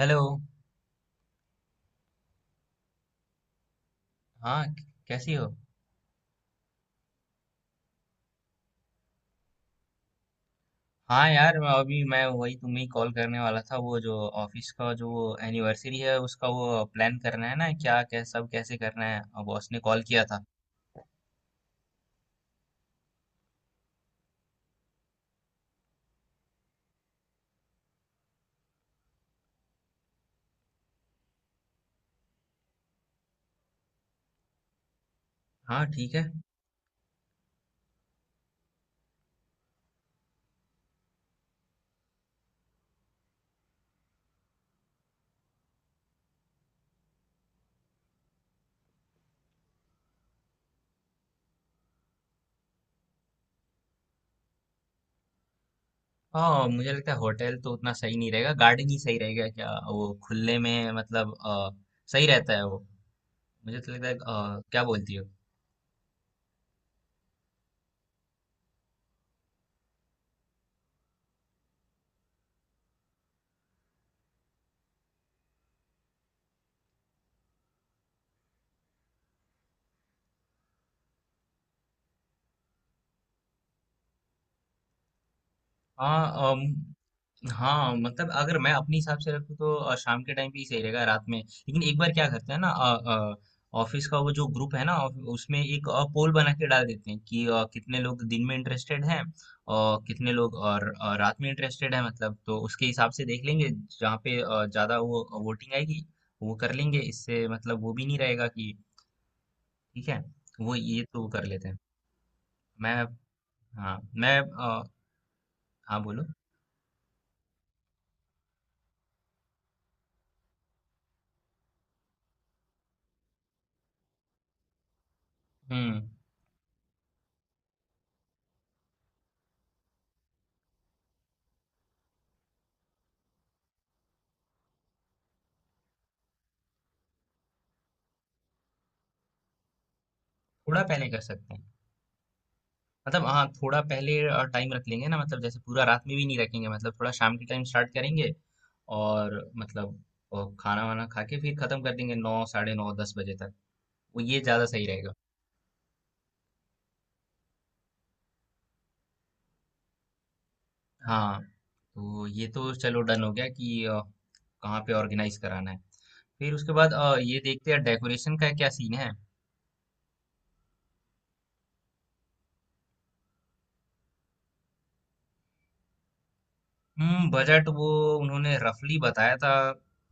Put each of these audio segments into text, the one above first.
Hello. हाँ। कैसी हो? हाँ यार, मैं अभी मैं वही तुम्हें कॉल करने वाला था, वो जो ऑफिस का जो वो एनिवर्सरी है उसका, वो प्लान करना है ना, क्या क्या सब कैसे करना है, और बॉस ने कॉल किया था। हाँ, ठीक है। हाँ, मुझे लगता है होटल तो उतना सही नहीं रहेगा, गार्डन ही सही रहेगा। क्या वो खुले में मतलब सही रहता है वो। मुझे तो लगता है क्या बोलती हो? हाँ। हाँ, मतलब अगर मैं अपने हिसाब से रखूँ तो शाम के टाइम पे ही सही रहेगा, रात में। लेकिन एक बार क्या करते हैं ना, ऑफिस का वो जो ग्रुप है ना, उसमें एक पोल बना के डाल देते हैं कि कितने लोग दिन में इंटरेस्टेड हैं और कितने लोग और रात में इंटरेस्टेड हैं मतलब। तो उसके हिसाब से देख लेंगे, जहाँ पे ज्यादा वो वोटिंग आएगी वो कर लेंगे। इससे मतलब वो भी नहीं रहेगा कि। ठीक है। वो ये तो वो कर लेते हैं। मैं। हाँ मैं। हाँ, बोलो। हम्म। थोड़ा पहले कर सकते हैं मतलब। हाँ, थोड़ा पहले टाइम रख लेंगे ना, मतलब जैसे पूरा रात में भी नहीं रखेंगे, मतलब थोड़ा शाम के टाइम स्टार्ट करेंगे और मतलब खाना वाना खा के फिर खत्म कर देंगे 9 साढ़े 9 10 बजे तक। वो ये ज्यादा सही रहेगा। हाँ तो ये तो चलो डन हो गया कि कहाँ पे ऑर्गेनाइज कराना है। फिर उसके बाद ये देखते हैं डेकोरेशन का क्या सीन है। हम्म। बजट वो उन्होंने रफली बताया था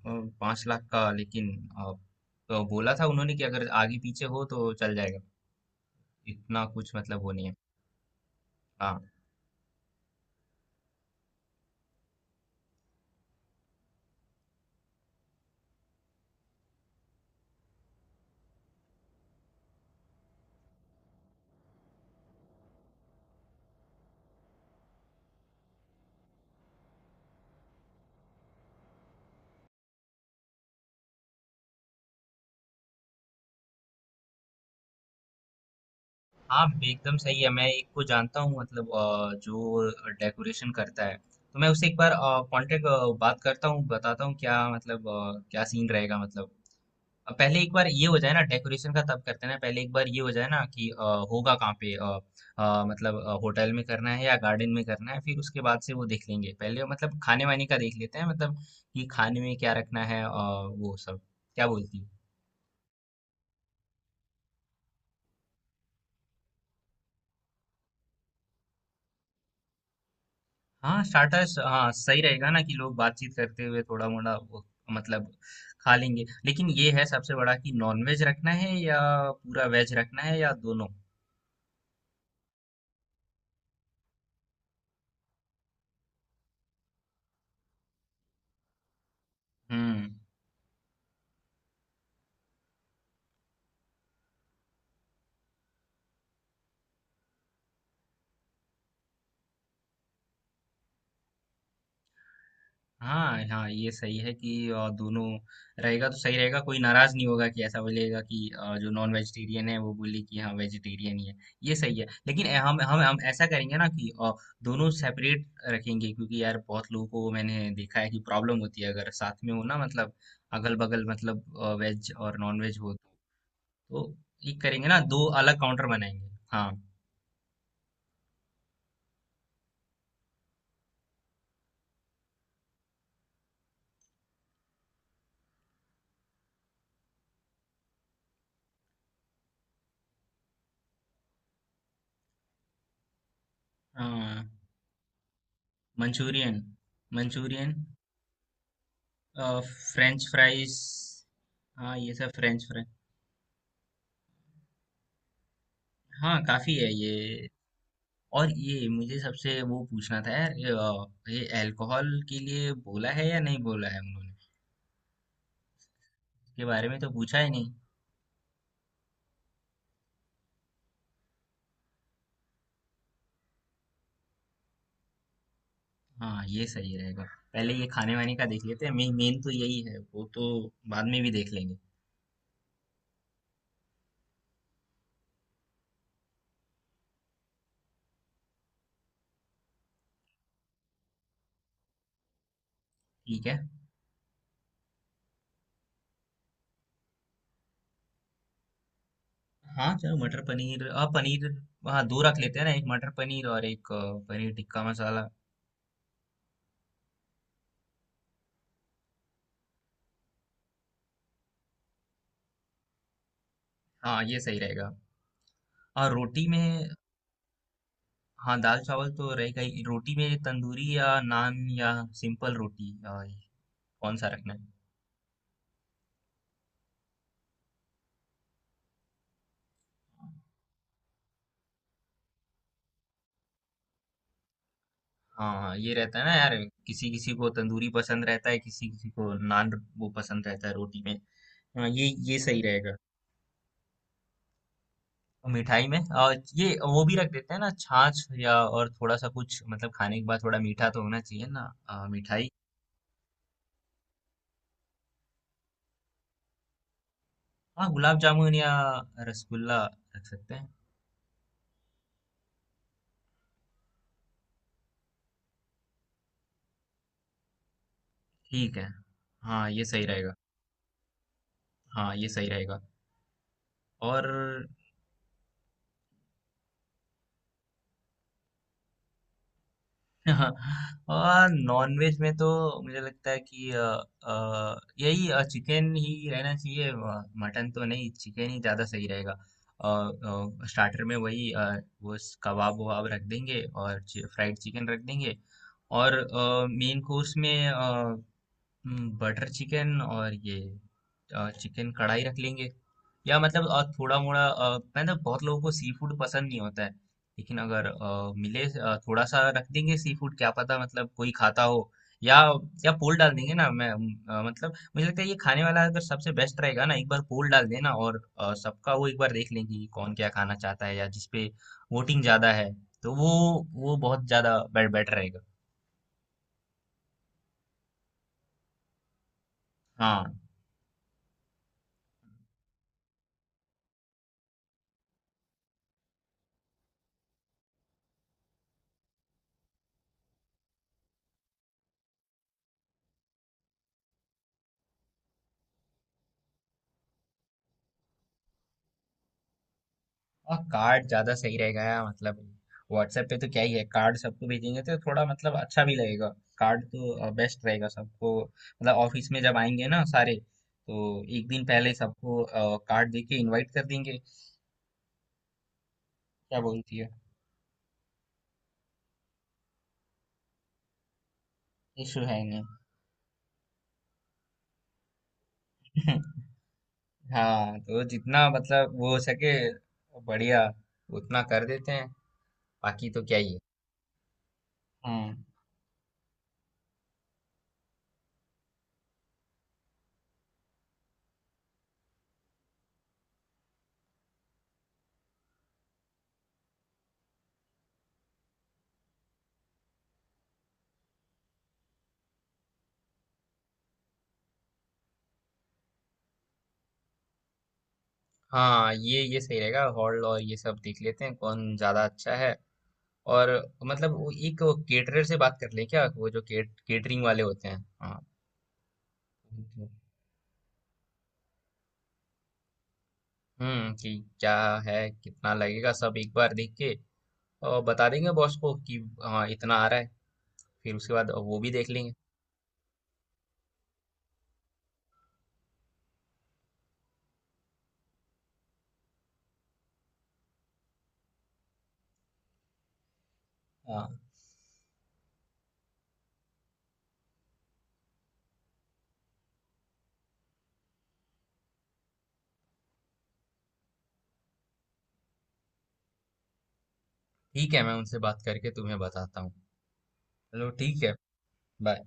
5 लाख का। लेकिन अ, तो बोला था उन्होंने कि अगर आगे पीछे हो तो चल जाएगा, इतना कुछ मतलब वो नहीं है। हाँ, हाँ, एकदम सही है। मैं एक को जानता हूँ मतलब जो डेकोरेशन करता है। तो मैं उससे एक बार कांटेक्ट, बात करता हूँ, बताता हूँ क्या मतलब क्या सीन रहेगा मतलब। अब पहले एक बार ये हो जाए ना डेकोरेशन का, तब करते हैं ना। पहले एक बार ये हो जाए ना कि होगा कहाँ पे। मतलब होटल में करना है या गार्डन में करना है, फिर उसके बाद से वो देख लेंगे। पहले मतलब खाने वाने का देख लेते हैं मतलब, कि खाने में क्या रखना है वो सब। क्या बोलती हो? हाँ, स्टार्टर्स, हाँ सही रहेगा ना, कि लोग बातचीत करते हुए थोड़ा मोड़ा वो, मतलब खा लेंगे। लेकिन ये है सबसे बड़ा, कि नॉन वेज रखना है या पूरा वेज रखना है या दोनों। हम्म। हाँ, हाँ, ये सही है कि दोनों रहेगा तो सही रहेगा। कोई नाराज नहीं होगा कि ऐसा बोलेगा कि जो नॉन वेजिटेरियन है वो बोले कि हाँ वेजिटेरियन ही है। ये सही है, लेकिन हम ऐसा करेंगे ना कि दोनों सेपरेट रखेंगे, क्योंकि यार बहुत लोगों को मैंने देखा है कि प्रॉब्लम होती है अगर साथ में हो ना मतलब, अगल बगल मतलब, वेज और नॉन वेज हो तो। तो एक करेंगे ना, दो अलग काउंटर बनाएंगे। हाँ। हाँ, मंचूरियन, मंचूरियन, फ्रेंच फ्राइज। हाँ, ये सब फ्रेंच, फ्रेंच। हाँ, काफी है ये। और ये मुझे सबसे वो पूछना था यार, ये अल्कोहल के लिए बोला है या नहीं बोला है उन्होंने। इसके बारे में तो पूछा ही नहीं। हाँ, ये सही रहेगा। पहले ये खाने वाने का देख लेते हैं, मेन मेन तो यही है, वो तो बाद में भी देख लेंगे। ठीक है। हाँ चलो, मटर पनीर। हाँ, पनीर। हाँ, दो रख लेते हैं ना, एक मटर पनीर और एक पनीर टिक्का मसाला। हाँ, ये सही रहेगा। और रोटी में? हाँ, दाल-चावल तो रहेगा ही। रोटी में तंदूरी या नान या सिंपल रोटी, कौन-सा रखना है? हाँ, हाँ, ये रहता है ना यार, किसी-किसी को तंदूरी पसंद रहता है, किसी-किसी को नान वो पसंद रहता है रोटी में। हाँ, ये सही रहेगा। मिठाई में ये वो भी रख देते हैं ना, छाछ या, और थोड़ा-सा कुछ मतलब खाने के बाद थोड़ा मीठा तो होना चाहिए ना। मिठाई। हाँ, गुलाब जामुन या रसगुल्ला रख सकते हैं। ठीक है। हाँ, ये सही रहेगा। हाँ, ये सही रहेगा। और हाँ, और नॉनवेज में तो मुझे लगता है कि यही चिकन ही रहना चाहिए। मटन तो नहीं, चिकन ही ज़्यादा सही रहेगा। और स्टार्टर में वही वो कबाब वबाब रख देंगे और फ्राइड चिकन रख देंगे। और मेन कोर्स में बटर चिकन और ये चिकन कढ़ाई रख लेंगे। या मतलब थोड़ा-मोड़ा मतलब बहुत लोगों को सी फूड पसंद नहीं होता है। लेकिन अगर मिले थोड़ा-सा रख देंगे सी फूड, क्या पता मतलब कोई खाता हो, या या पोल डाल देंगे ना। मैं मतलब मुझे लगता है ये खाने वाला अगर सबसे बेस्ट रहेगा ना, एक बार पोल डाल देना और सबका वो एक बार देख लेंगे कि कौन क्या खाना चाहता है, या जिसपे वोटिंग ज़्यादा है, तो वो बहुत ज़्यादा बे बेटर रहेगा। हाँ। और कार्ड ज्यादा सही रहेगा यार मतलब, व्हाट्सएप पे तो क्या ही है। कार्ड सबको भेजेंगे तो थोड़ा मतलब अच्छा भी लगेगा। कार्ड तो बेस्ट रहेगा सबको मतलब, ऑफिस में जब आएंगे ना सारे, तो एक दिन पहले सबको कार्ड दे के इनवाइट कर देंगे। क्या बोलती है? इशू है नहीं। हाँ तो जितना मतलब वो हो सके बढ़िया उतना कर देते हैं। बाकी तो क्या ही है। हम्म। हाँ, ये सही रहेगा। हॉल और ये सब देख लेते हैं, कौन ज्यादा अच्छा है। और मतलब वो एक केटरर से बात कर ले क्या, वो जो केटरिंग वाले होते हैं। हाँ। हम्म, कि क्या है, कितना लगेगा सब एक बार देख के, और बता देंगे बॉस को कि हाँ इतना आ रहा है, फिर उसके बाद वो भी देख लेंगे। हाँ, ठीक है, मैं उनसे बात करके तुम्हें बताता हूँ। चलो ठीक है। बाय।